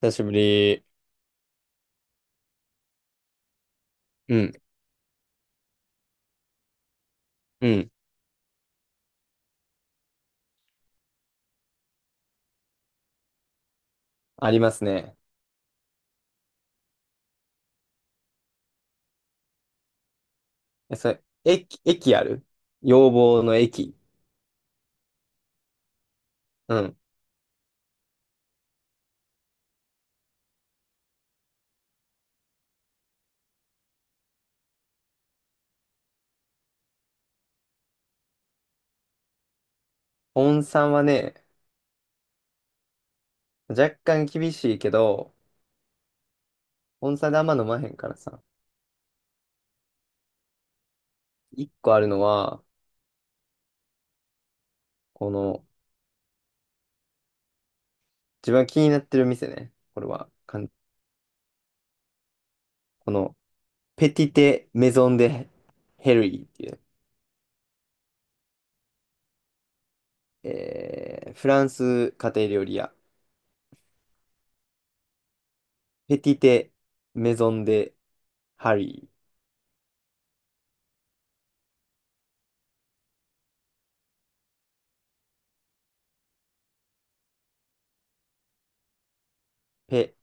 久しぶり。うん、うん。ありますね。え、それ、駅ある要望の駅。うん。温山はね、若干厳しいけど、温山であんま飲まへんからさ。一個あるのは、この、自分が気になってる店ね。これは、この、ペティテ・メゾン・デ・ヘルイっていう、フランス家庭料理屋。ペティテ・メゾン・デ・ハリー。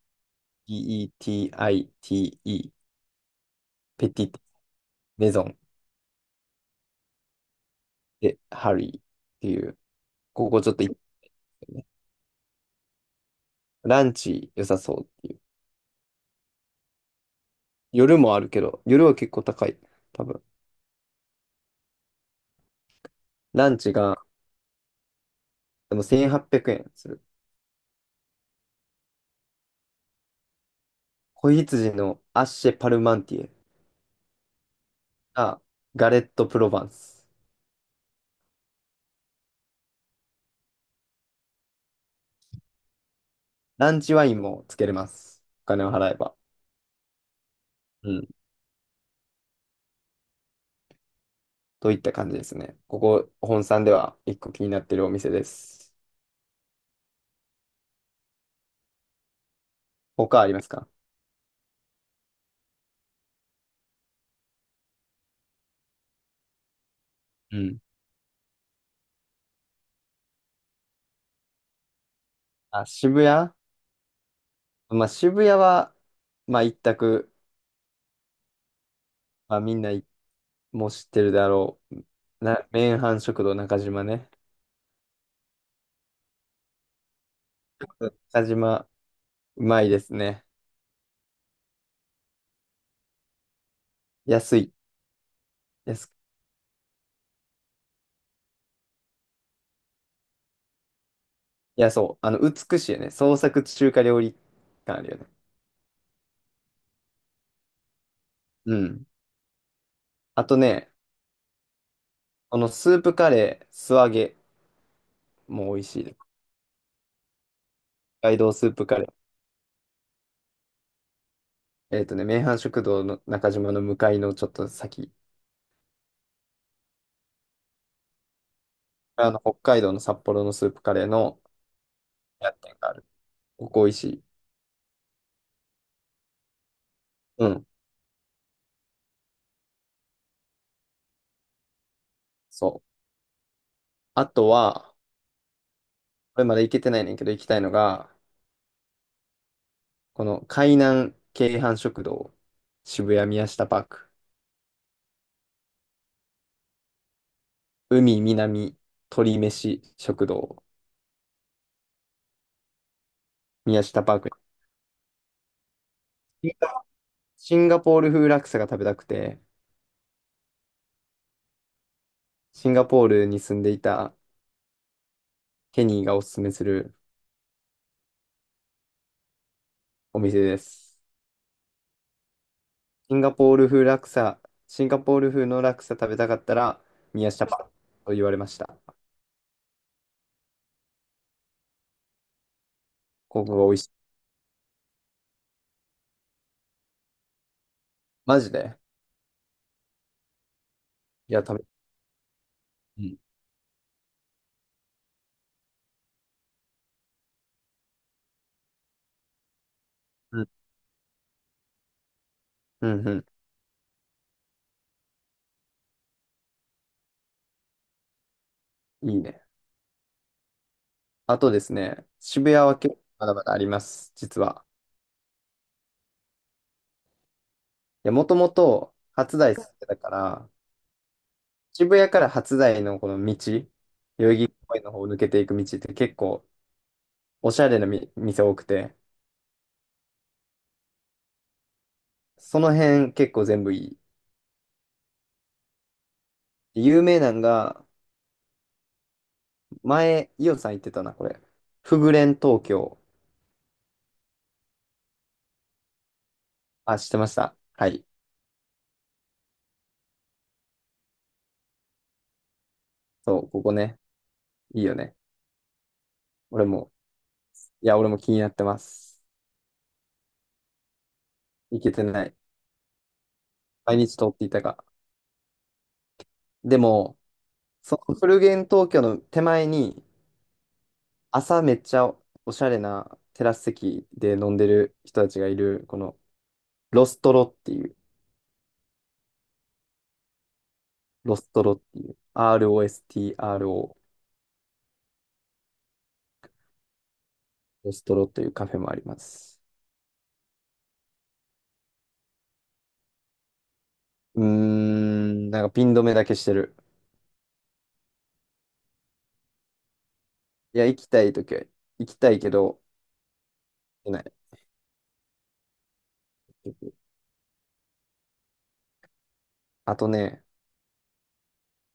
Petite。ペティテ・メゾン。で、ハリーっていう、ここちょっと行ってね。ランチ良さそうっていう。夜もあるけど、夜は結構高い。多分。ランチが、でも1800円する。子羊のアッシェパルマンティエが、ガレットプロヴァンス。ランチワインもつけれます。お金を払えば。うん。といった感じですね。ここ、本さんでは一個気になってるお店です。他ありますか？うん。あ、渋谷。まあ渋谷は、まあ一択、まあみんなもう知ってるだろう。麺飯食堂中島ね。中島、うまいですね。安い。安く、いや、そう。美しいよね。創作中華料理感あるよね。うん。あとね、このスープカレー、素揚げも美味しいです。北海道スープカレー。麺飯食堂の中島の向かいのちょっと先。北海道の札幌のスープカレーの屋がある。ここ美味しい。うん。そう。あとは、これまだ行けてないねんけど、行きたいのが、この海南京阪食堂、渋谷宮下パーク、海南鳥飯食堂、宮下パーク。シンガポール風ラクサが食べたくて、シンガポールに住んでいたケニーがおすすめするお店です。シンガポール風ラクサ、シンガポール風のラクサ食べたかったら、宮下パークと言われました。ここが美味しい。マジで。いや、うん、うん、うん、うん。いいね。あとですね、渋谷は結構まだまだあります、実は。や、もともと初台住んでたから、渋谷から初台のこの道、代々木公園の方を抜けていく道って結構おしゃれなみ店多くて、その辺結構全部いい。有名なんが、前、イオさん言ってたな、これ。フグレン東京。あ、知ってました。はい。そう、ここね。いいよね。俺も、いや、俺も気になってます。行けてない。毎日通っていたが。でも、そのフルゲン東京の手前に、朝めっちゃおしゃれなテラス席で飲んでる人たちがいる、このロストロっていう、ロストロっていう、ROSTRO、ロストロというカフェもあります。うーん、なんかピン止めだけしてる。いや、行きたいときは行きたいけど、行けない。あとね、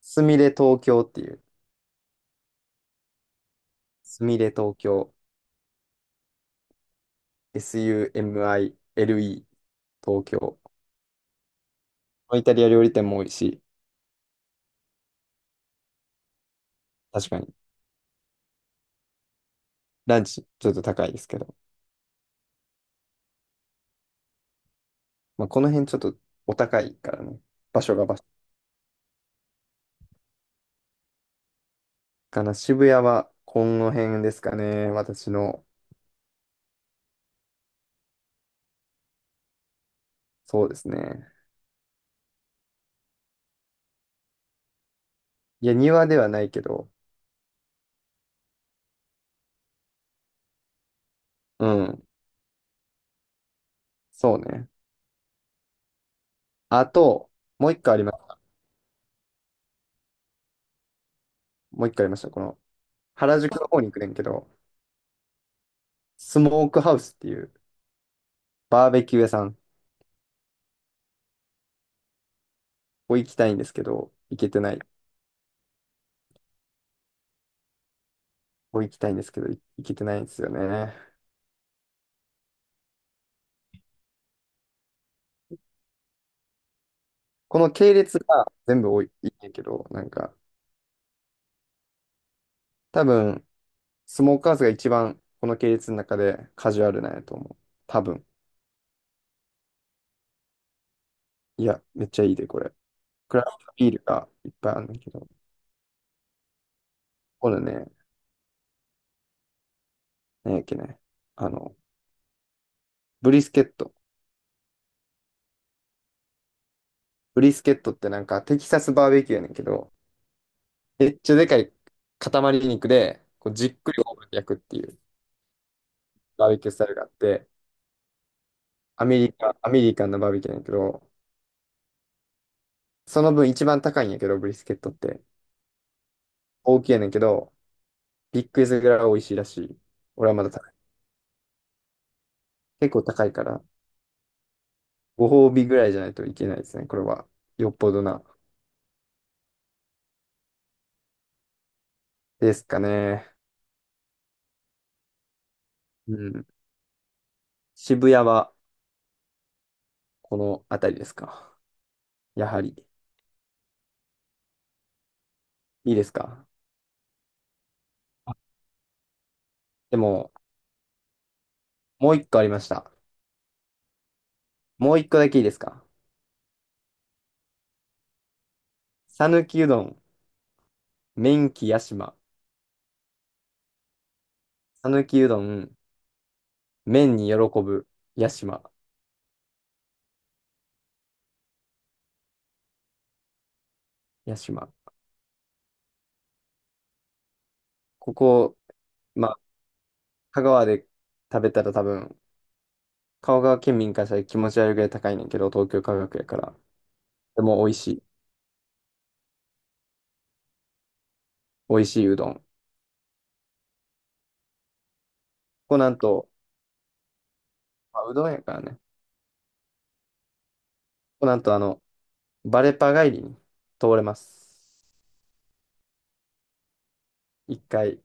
すみれ東京っていう、すみれ東京、SUMILE 東京。イタリア料理店も多いし、確かに。ランチちょっと高いですけど。まあ、この辺ちょっとお高いからね。場所が場所かな。渋谷はこの辺ですかね。私の。そうですね。いや、庭ではないけど。うん。そうね。あと、もう一個あります。もう一個ありました。この、原宿の方に行くねんけど、スモークハウスっていうバーベキュー屋さん。ここ行きたいんですけど、行けてない。ここ行きたいんですけど、行けてないんですよね。この系列が全部多い、いいんやけど、なんか、多分、スモーカーズが一番この系列の中でカジュアルなんやと思う。多分。いや、めっちゃいいで、これ。クラフトビールがいっぱいあるんだけど。これね、何やっけね。あの、ブリスケット。ブリスケットってなんかテキサスバーベキューやねんけど、めっちゃでかい塊肉で、こうじっくりオーブンで焼くっていうバーベキュースタイルがあって、アメリカンなバーベキューやねんけど、その分一番高いんやけど、ブリスケットって。大きいやねんけど、ビッグイズぐらい美味しいらしい。俺はまだ結構高いから。ご褒美ぐらいじゃないといけないですね。これは。よっぽどな。ですかね。うん。渋谷はこの辺りですか？やはり。いいですか？でも、もう一個ありました。もう一個だけいいですか？讃岐うどん、麺喜屋島。讃岐うどん、麺に喜ぶ屋島。屋島。ここ、まあ、香川で食べたら多分、香川県民からしたら気持ち悪いぐらい高いねんけど、東京価格やから。でも美味しい。美味しいうどん。ここなんと、まあ、うどんやからね。なんとバレパ帰りに通れます。一回、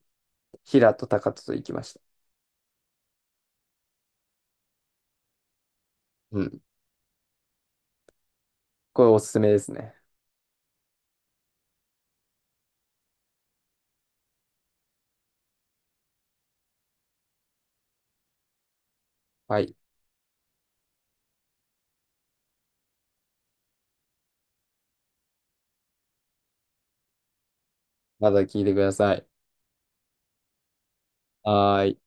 平と高とと行きました。うん。これおすすめですね。はい。まだ聞いてください。はーい。